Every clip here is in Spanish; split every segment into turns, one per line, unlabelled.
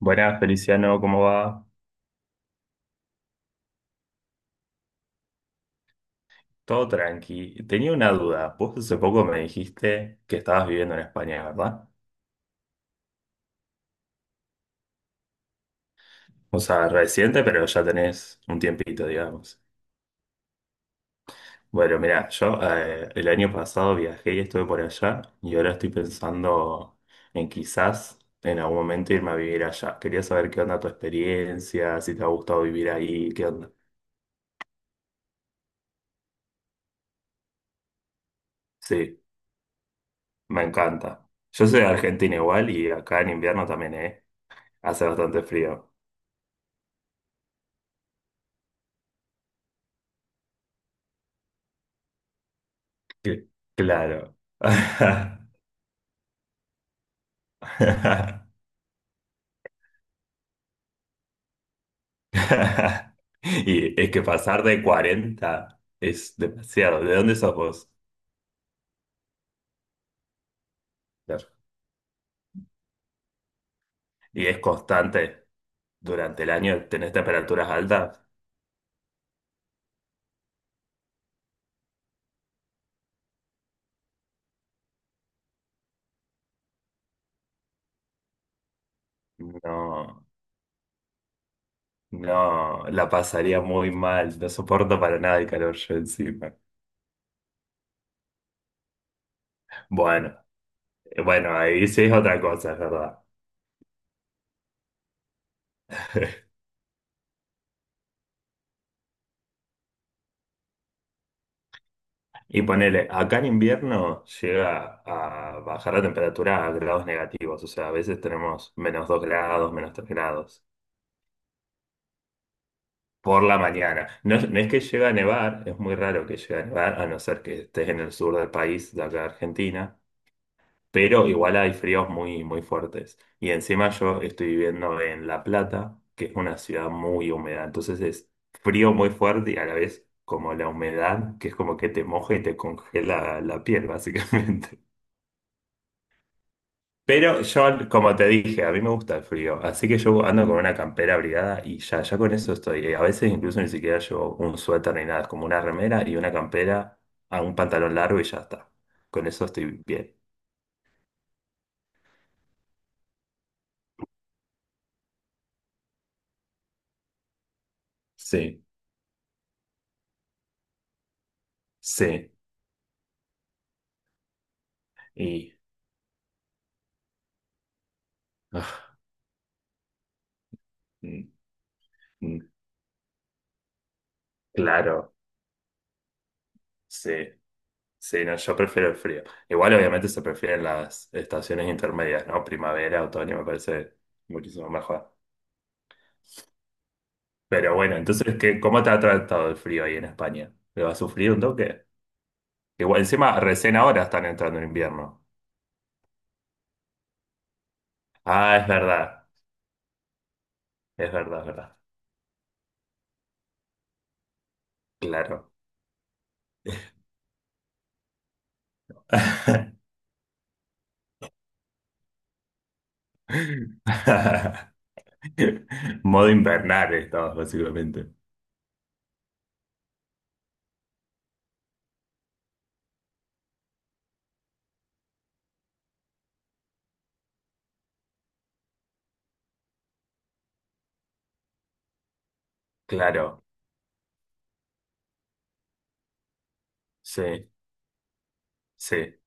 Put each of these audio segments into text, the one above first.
Buenas, Feliciano, ¿cómo va? Todo tranqui. Tenía una duda. Vos hace poco me dijiste que estabas viviendo en España, ¿verdad? O sea, reciente, pero ya tenés un tiempito, digamos. Bueno, mirá, yo el año pasado viajé y estuve por allá y ahora estoy pensando en quizás en algún momento irme a vivir allá. Quería saber qué onda tu experiencia, si te ha gustado vivir ahí, qué onda. Sí, me encanta. Yo soy de Argentina igual y acá en invierno también, ¿eh? Hace bastante frío. Cl- Claro. Y es que pasar de 40 es demasiado. ¿De dónde sos vos? Claro. Y es constante. Durante el año tenés temperaturas altas. No, no, la pasaría muy mal. No soporto para nada el calor yo encima. Bueno, bueno, ahí sí es otra cosa, es verdad. Y ponele, acá en invierno llega a bajar la temperatura a grados negativos, o sea, a veces tenemos -2 grados, -3 grados por la mañana. No, es no es que llega a nevar, es muy raro que llegue a nevar, a no ser que estés en el sur del país, de acá de Argentina, pero igual hay fríos muy, muy fuertes. Y encima yo estoy viviendo en La Plata, que es una ciudad muy húmeda, entonces es frío muy fuerte y a la vez como la humedad, que es como que te moja y te congela la piel, básicamente. Pero yo, como te dije, a mí me gusta el frío, así que yo ando con una campera abrigada y ya, ya con eso estoy. A veces incluso ni siquiera llevo un suéter ni nada, es como una remera y una campera a un pantalón largo y ya está. Con eso estoy bien. Sí, sí. Y ah, mm, mm, claro, sí, sí, no, yo prefiero el frío. Igual obviamente se prefieren las estaciones intermedias, ¿no? Primavera, otoño, me parece muchísimo mejor. Pero bueno, entonces, ¿qué, cómo te ha tratado el frío ahí en España? ¿Lo has sufrido un toque? Igual, encima, recién ahora están entrando en invierno. Ah, es verdad, es verdad, es verdad. Claro. Modo invernal estamos, básicamente. Claro, sí, sí.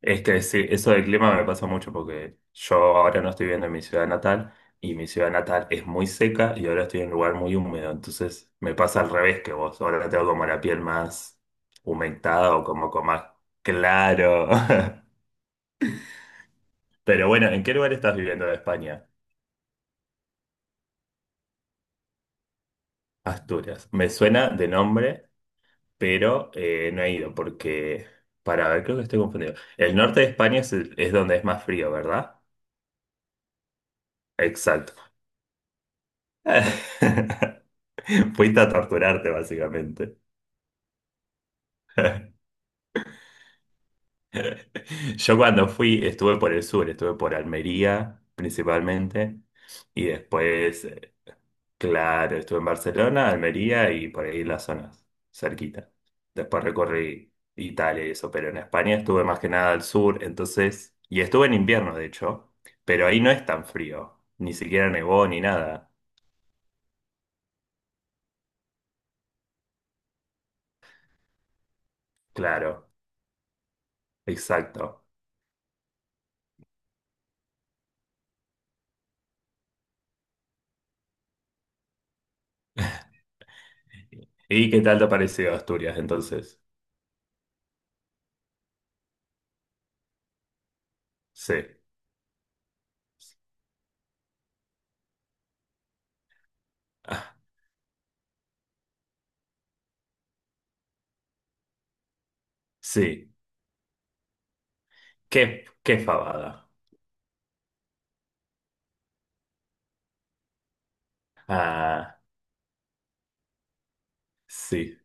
Es que sí, eso del clima me pasa mucho porque yo ahora no estoy viviendo en mi ciudad natal y mi ciudad natal es muy seca y ahora estoy en un lugar muy húmedo. Entonces me pasa al revés que vos. Ahora tengo como la piel más humectada o como con más claro. Pero bueno, ¿en qué lugar estás viviendo de España? Asturias. Me suena de nombre, pero no he ido porque, para ver, creo que estoy confundido. El norte de España es, es donde es más frío, ¿verdad? Exacto. Fuiste a torturarte, básicamente. Yo cuando fui, estuve por el sur, estuve por Almería principalmente, y después, claro, estuve en Barcelona, Almería y por ahí las zonas cerquita. Después recorrí Italia y eso, pero en España estuve más que nada al sur, entonces, y estuve en invierno, de hecho, pero ahí no es tan frío, ni siquiera nevó ni nada. Claro, exacto. ¿Y qué tal te pareció Asturias entonces? Sí. Ah, sí, qué fabada. Ah, sí,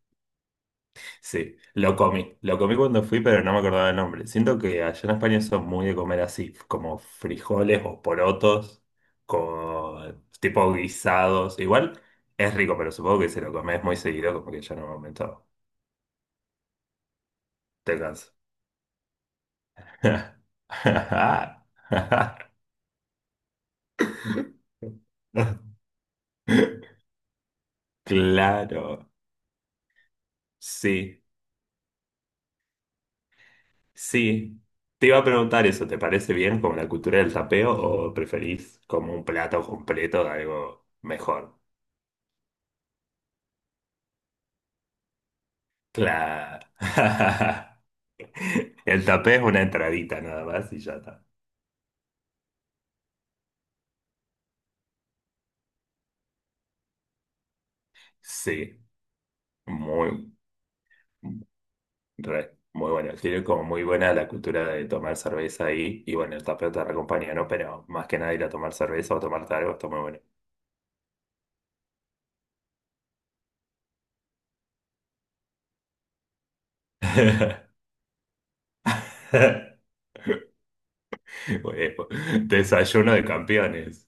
sí. Lo comí cuando fui, pero no me acordaba el nombre. Siento que allá en España son muy de comer así, como frijoles o porotos, con tipo guisados. Igual es rico, pero supongo que si lo comes muy seguido, como que ya en un momento te cansas. Claro, sí. Sí, te iba a preguntar eso, ¿te parece bien como la cultura del tapeo o preferís como un plato completo de algo mejor? Claro. El tapeo es una entradita nada más y ya está. Sí, muy, re, muy bueno. Tiene como muy buena la cultura de tomar cerveza ahí y bueno, el tapeo te acompaña, ¿no? Pero más que nada ir a tomar cerveza o tomarte algo está muy bueno. Bueno, desayuno de campeones.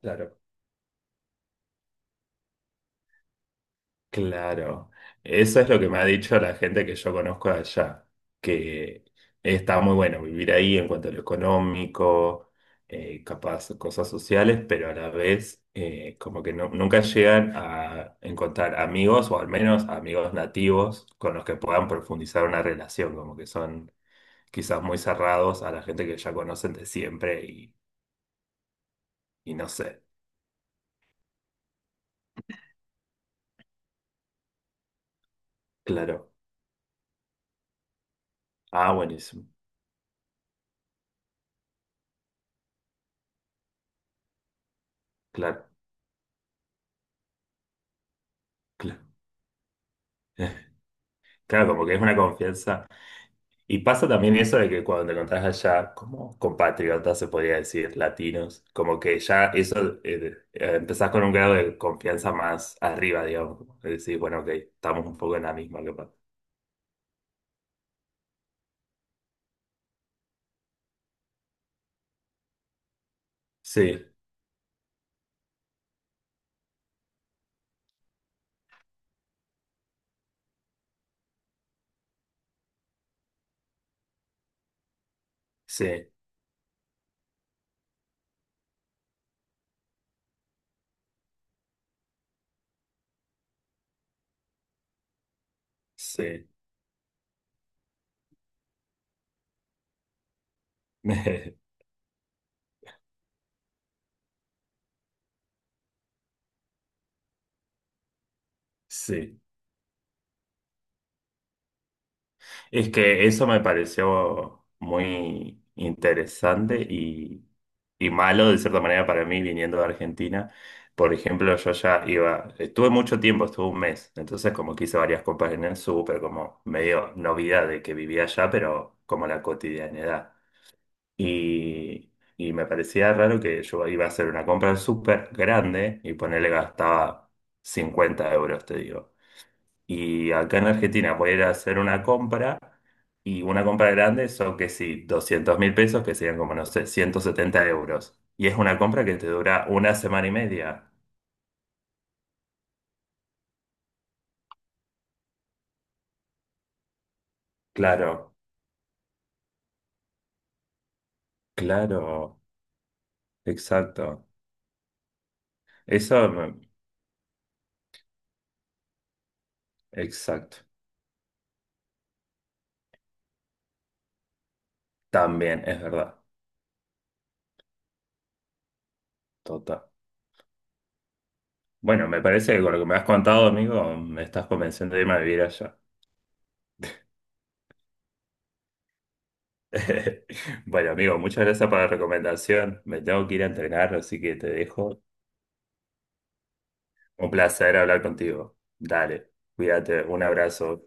Claro. Claro, eso es lo que me ha dicho la gente que yo conozco de allá, que está muy bueno vivir ahí en cuanto a lo económico, capaz cosas sociales, pero a la vez como que nunca llegan a encontrar amigos o al menos amigos nativos con los que puedan profundizar una relación, como que son quizás muy cerrados a la gente que ya conocen de siempre y no sé, claro, ah, buenísimo, claro, claro, claro, como que es una confianza. Y pasa también eso de que cuando te encontrás allá, como compatriotas, se podría decir, latinos, como que ya eso, empezás con un grado de confianza más arriba, digamos. Como que decís, bueno, ok, estamos un poco en la misma, capaz. Sí, sí, sí, sí. Es que eso me pareció muy interesante y malo de cierta manera para mí viniendo de Argentina. Por ejemplo, yo ya iba, estuve mucho tiempo, estuve un mes, entonces como que hice varias compras en el súper, como medio novedad de que vivía allá, pero como la cotidianidad. Y, y me parecía raro que yo iba a hacer una compra súper grande y ponerle gastaba 50 euros, te digo. Y acá en Argentina voy a ir a hacer una compra y una compra grande son que sí, 200.000 pesos, que serían como, no sé, 170 euros. Y es una compra que te dura una semana y media. Claro, claro, exacto. Eso, exacto. También, es verdad, total. Bueno, me parece que con lo que me has contado, amigo, me estás convenciendo de irme a vivir allá. Bueno, amigo, muchas gracias por la recomendación. Me tengo que ir a entrenar, así que te dejo. Un placer hablar contigo. Dale, cuídate, un abrazo.